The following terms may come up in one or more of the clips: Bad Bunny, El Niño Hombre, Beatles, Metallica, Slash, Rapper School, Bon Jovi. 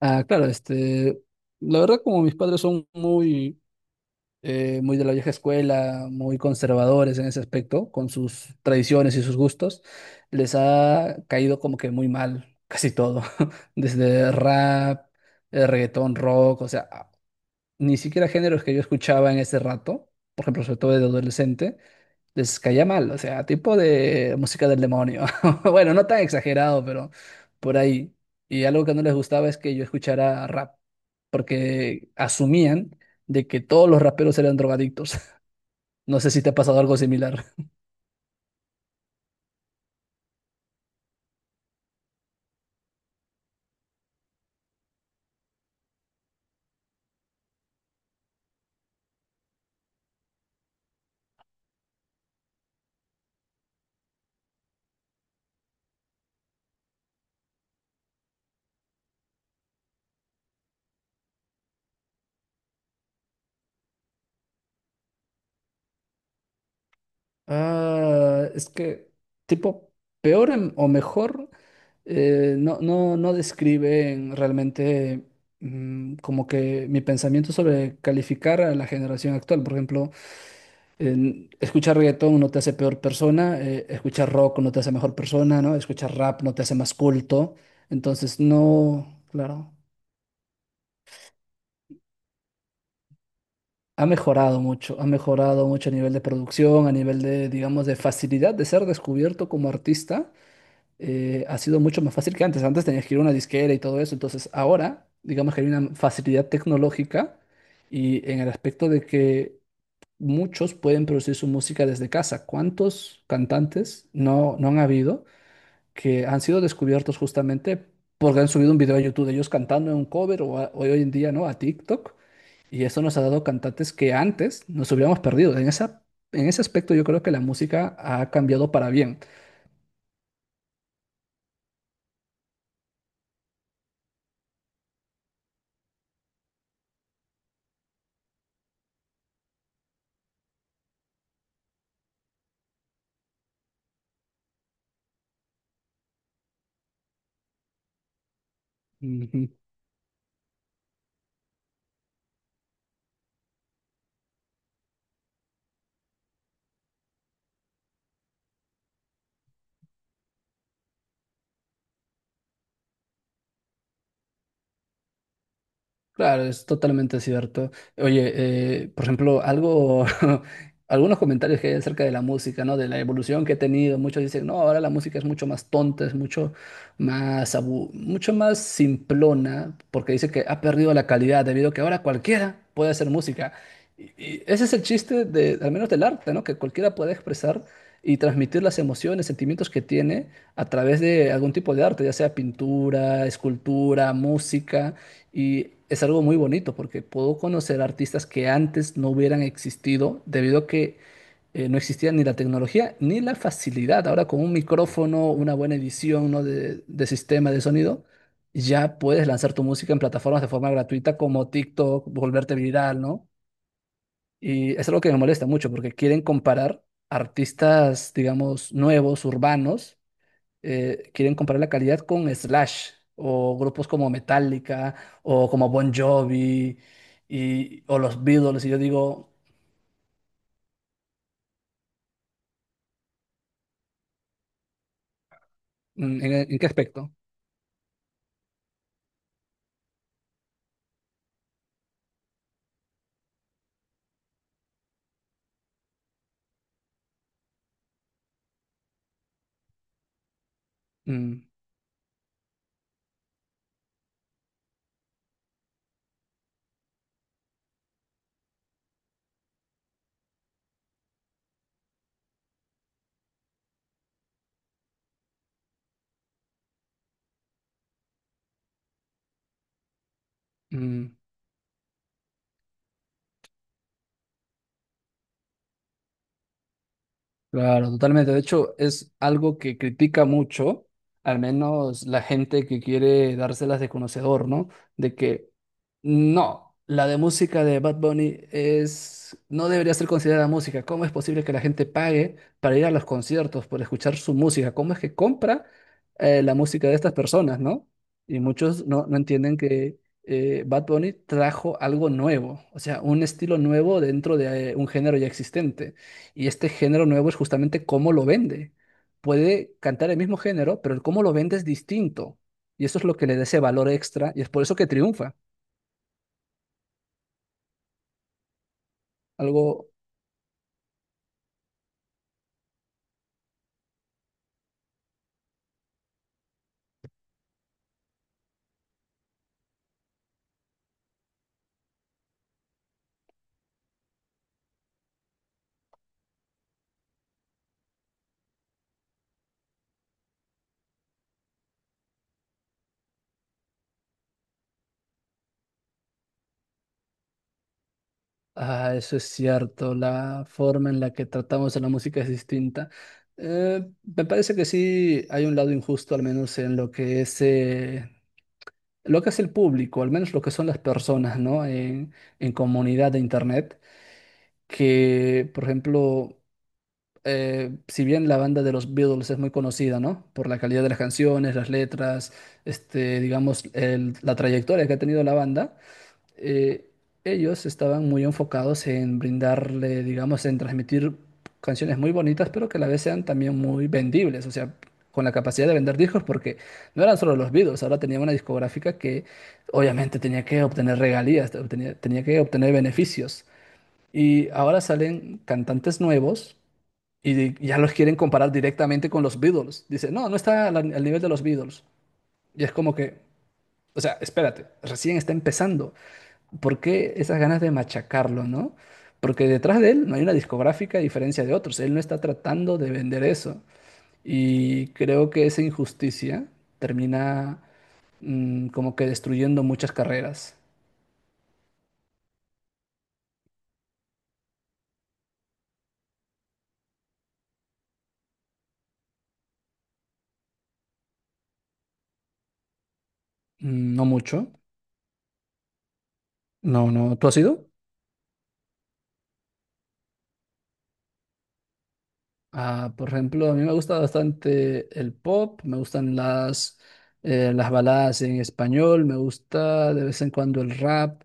Ah, claro, la verdad como mis padres son muy de la vieja escuela, muy conservadores en ese aspecto, con sus tradiciones y sus gustos, les ha caído como que muy mal casi todo, desde rap, reggaetón, rock, o sea, ni siquiera géneros que yo escuchaba en ese rato, por ejemplo, sobre todo de adolescente les caía mal, o sea, tipo de música del demonio. Bueno, no tan exagerado, pero por ahí. Y algo que no les gustaba es que yo escuchara rap, porque asumían de que todos los raperos eran drogadictos. No sé si te ha pasado algo similar. Ah, es que, tipo, o mejor, no describen realmente como que mi pensamiento sobre calificar a la generación actual. Por ejemplo, escuchar reggaetón no te hace peor persona, escuchar rock no te hace mejor persona, ¿no? Escuchar rap no te hace más culto. Entonces, no, claro, ha mejorado mucho a nivel de producción, a nivel de, digamos, de facilidad de ser descubierto como artista. Ha sido mucho más fácil que antes. Antes tenías que ir a una disquera y todo eso. Entonces, ahora, digamos que hay una facilidad tecnológica y en el aspecto de que muchos pueden producir su música desde casa. ¿Cuántos cantantes no han habido que han sido descubiertos justamente porque han subido un video a YouTube de ellos cantando en un cover o hoy en día, ¿no? A TikTok. Y eso nos ha dado cantantes que antes nos hubiéramos perdido. En ese aspecto yo creo que la música ha cambiado para bien. Ujú. Claro, es totalmente cierto. Oye, por ejemplo, algo, algunos comentarios que hay acerca de la música, ¿no? De la evolución que ha tenido. Muchos dicen, no, ahora la música es mucho más tonta, es mucho más simplona, porque dice que ha perdido la calidad debido a que ahora cualquiera puede hacer música. Y ese es el chiste de, al menos del arte, ¿no? Que cualquiera puede expresar y transmitir las emociones, sentimientos que tiene a través de algún tipo de arte, ya sea pintura, escultura, música. Y es algo muy bonito porque puedo conocer artistas que antes no hubieran existido debido a que no existía ni la tecnología ni la facilidad. Ahora con un micrófono, una buena edición, ¿no? de sistema de sonido, ya puedes lanzar tu música en plataformas de forma gratuita como TikTok, volverte viral, ¿no? Y es algo que me molesta mucho porque quieren comparar artistas, digamos, nuevos, urbanos, quieren comparar la calidad con Slash o grupos como Metallica o como Bon Jovi y, o los Beatles. Y yo digo, ¿en qué aspecto? Mm, mm, Claro, totalmente. De hecho, es algo que critica mucho, al menos la gente que quiere dárselas de conocedor, ¿no? De que no, la de música de Bad Bunny es, no debería ser considerada música. ¿Cómo es posible que la gente pague para ir a los conciertos, por escuchar su música? ¿Cómo es que compra la música de estas personas, ¿no? Y muchos no entienden que Bad Bunny trajo algo nuevo, o sea, un estilo nuevo dentro de un género ya existente. Y este género nuevo es justamente cómo lo vende. Puede cantar el mismo género, pero el cómo lo vende es distinto. Y eso es lo que le da ese valor extra y es por eso que triunfa. Algo, ah, eso es cierto, la forma en la que tratamos a la música es distinta. Me parece que sí hay un lado injusto, al menos en lo que es el público, al menos lo que son las personas, ¿no? En comunidad de Internet, que, por ejemplo... si bien la banda de los Beatles es muy conocida, ¿no? Por la calidad de las canciones, las letras, este, digamos, la trayectoria que ha tenido la banda, eh, ellos estaban muy enfocados en brindarle, digamos, en transmitir canciones muy bonitas, pero que a la vez sean también muy vendibles, o sea, con la capacidad de vender discos, porque no eran solo los Beatles, ahora tenían una discográfica que obviamente tenía que obtener regalías, tenía que obtener beneficios. Y ahora salen cantantes nuevos y ya los quieren comparar directamente con los Beatles. Dice, no, no está al nivel de los Beatles. Y es como que, o sea, espérate, recién está empezando. ¿Por qué esas ganas de machacarlo, no? Porque detrás de él no hay una discográfica a diferencia de otros. Él no está tratando de vender eso. Y creo que esa injusticia termina como que destruyendo muchas carreras. Mm, no mucho. No, no. ¿Tú has ido? Ah, por ejemplo, a mí me gusta bastante el pop, me gustan las baladas en español, me gusta de vez en cuando el rap.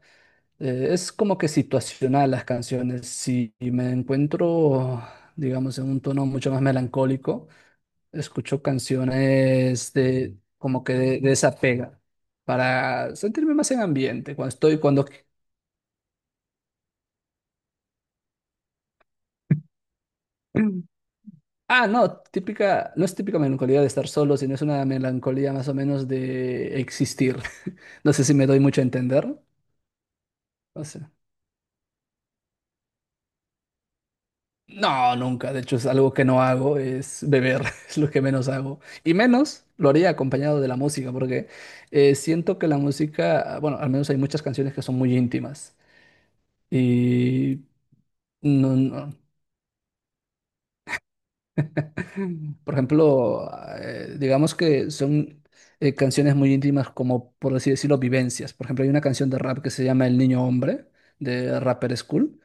Es como que situacional las canciones. Si me encuentro, digamos, en un tono mucho más melancólico, escucho canciones de como que de esa pega para sentirme más en ambiente. Cuando estoy, cuando Ah, no, típica, no es típica melancolía de estar solo, sino es una melancolía más o menos de existir. No sé si me doy mucho a entender. No sé. No, nunca. De hecho, es algo que no hago, es beber, es lo que menos hago. Y menos lo haría acompañado de la música, porque siento que la música, bueno, al menos hay muchas canciones que son muy íntimas. Y no, no. Por ejemplo, digamos que son canciones muy íntimas como, por así decirlo, vivencias. Por ejemplo, hay una canción de rap que se llama El Niño Hombre, de Rapper School,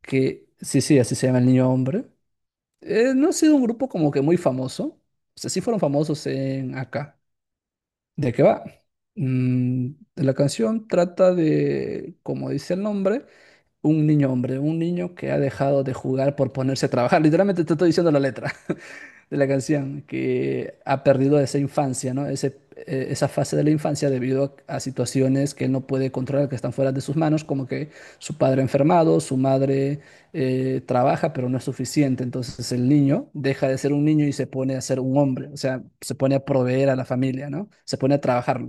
que sí, sí, así se llama El Niño Hombre. No ha sido un grupo como que muy famoso. O sea, sí fueron famosos en acá. ¿De qué va? Mm, la canción trata de, como dice el nombre, un niño hombre, un niño que ha dejado de jugar por ponerse a trabajar. Literalmente te estoy diciendo la letra de la canción, que ha perdido esa infancia, ¿no? Ese, esa fase de la infancia debido a situaciones que él no puede controlar, que están fuera de sus manos, como que su padre enfermado, su madre trabaja, pero no es suficiente. Entonces el niño deja de ser un niño y se pone a ser un hombre, o sea, se pone a proveer a la familia, ¿no? Se pone a trabajar.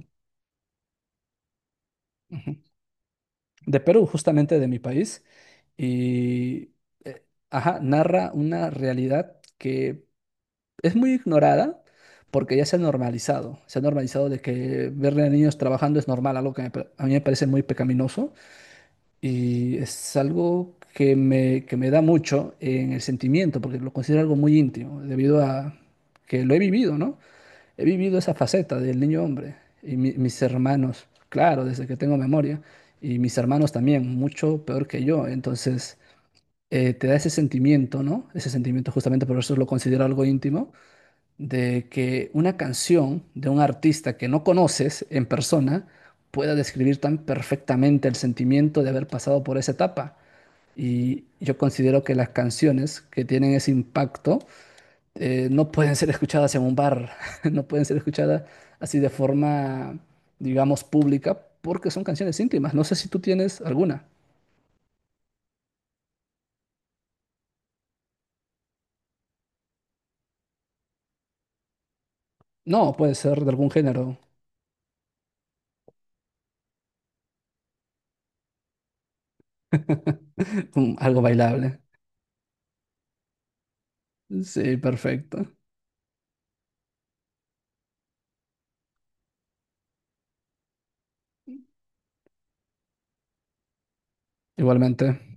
Ujú. De Perú, justamente de mi país. Y, eh, ajá, Narra una realidad que es muy ignorada porque ya se ha normalizado. Se ha normalizado de que ver a niños trabajando es normal, algo que a mí me parece muy pecaminoso y es algo que me da mucho en el sentimiento porque lo considero algo muy íntimo debido a que lo he vivido, ¿no? He vivido esa faceta del niño hombre y mis hermanos, claro, desde que tengo memoria, y mis hermanos también, mucho peor que yo. Entonces, te da ese sentimiento, ¿no? Ese sentimiento justamente por eso lo considero algo íntimo de que una canción de un artista que no conoces en persona pueda describir tan perfectamente el sentimiento de haber pasado por esa etapa. Y yo considero que las canciones que tienen ese impacto no pueden ser escuchadas en un bar, no pueden ser escuchadas así de forma, digamos, pública, porque son canciones íntimas. No sé si tú tienes alguna. No, puede ser de algún género, algo bailable. Sí, perfecto. Igualmente.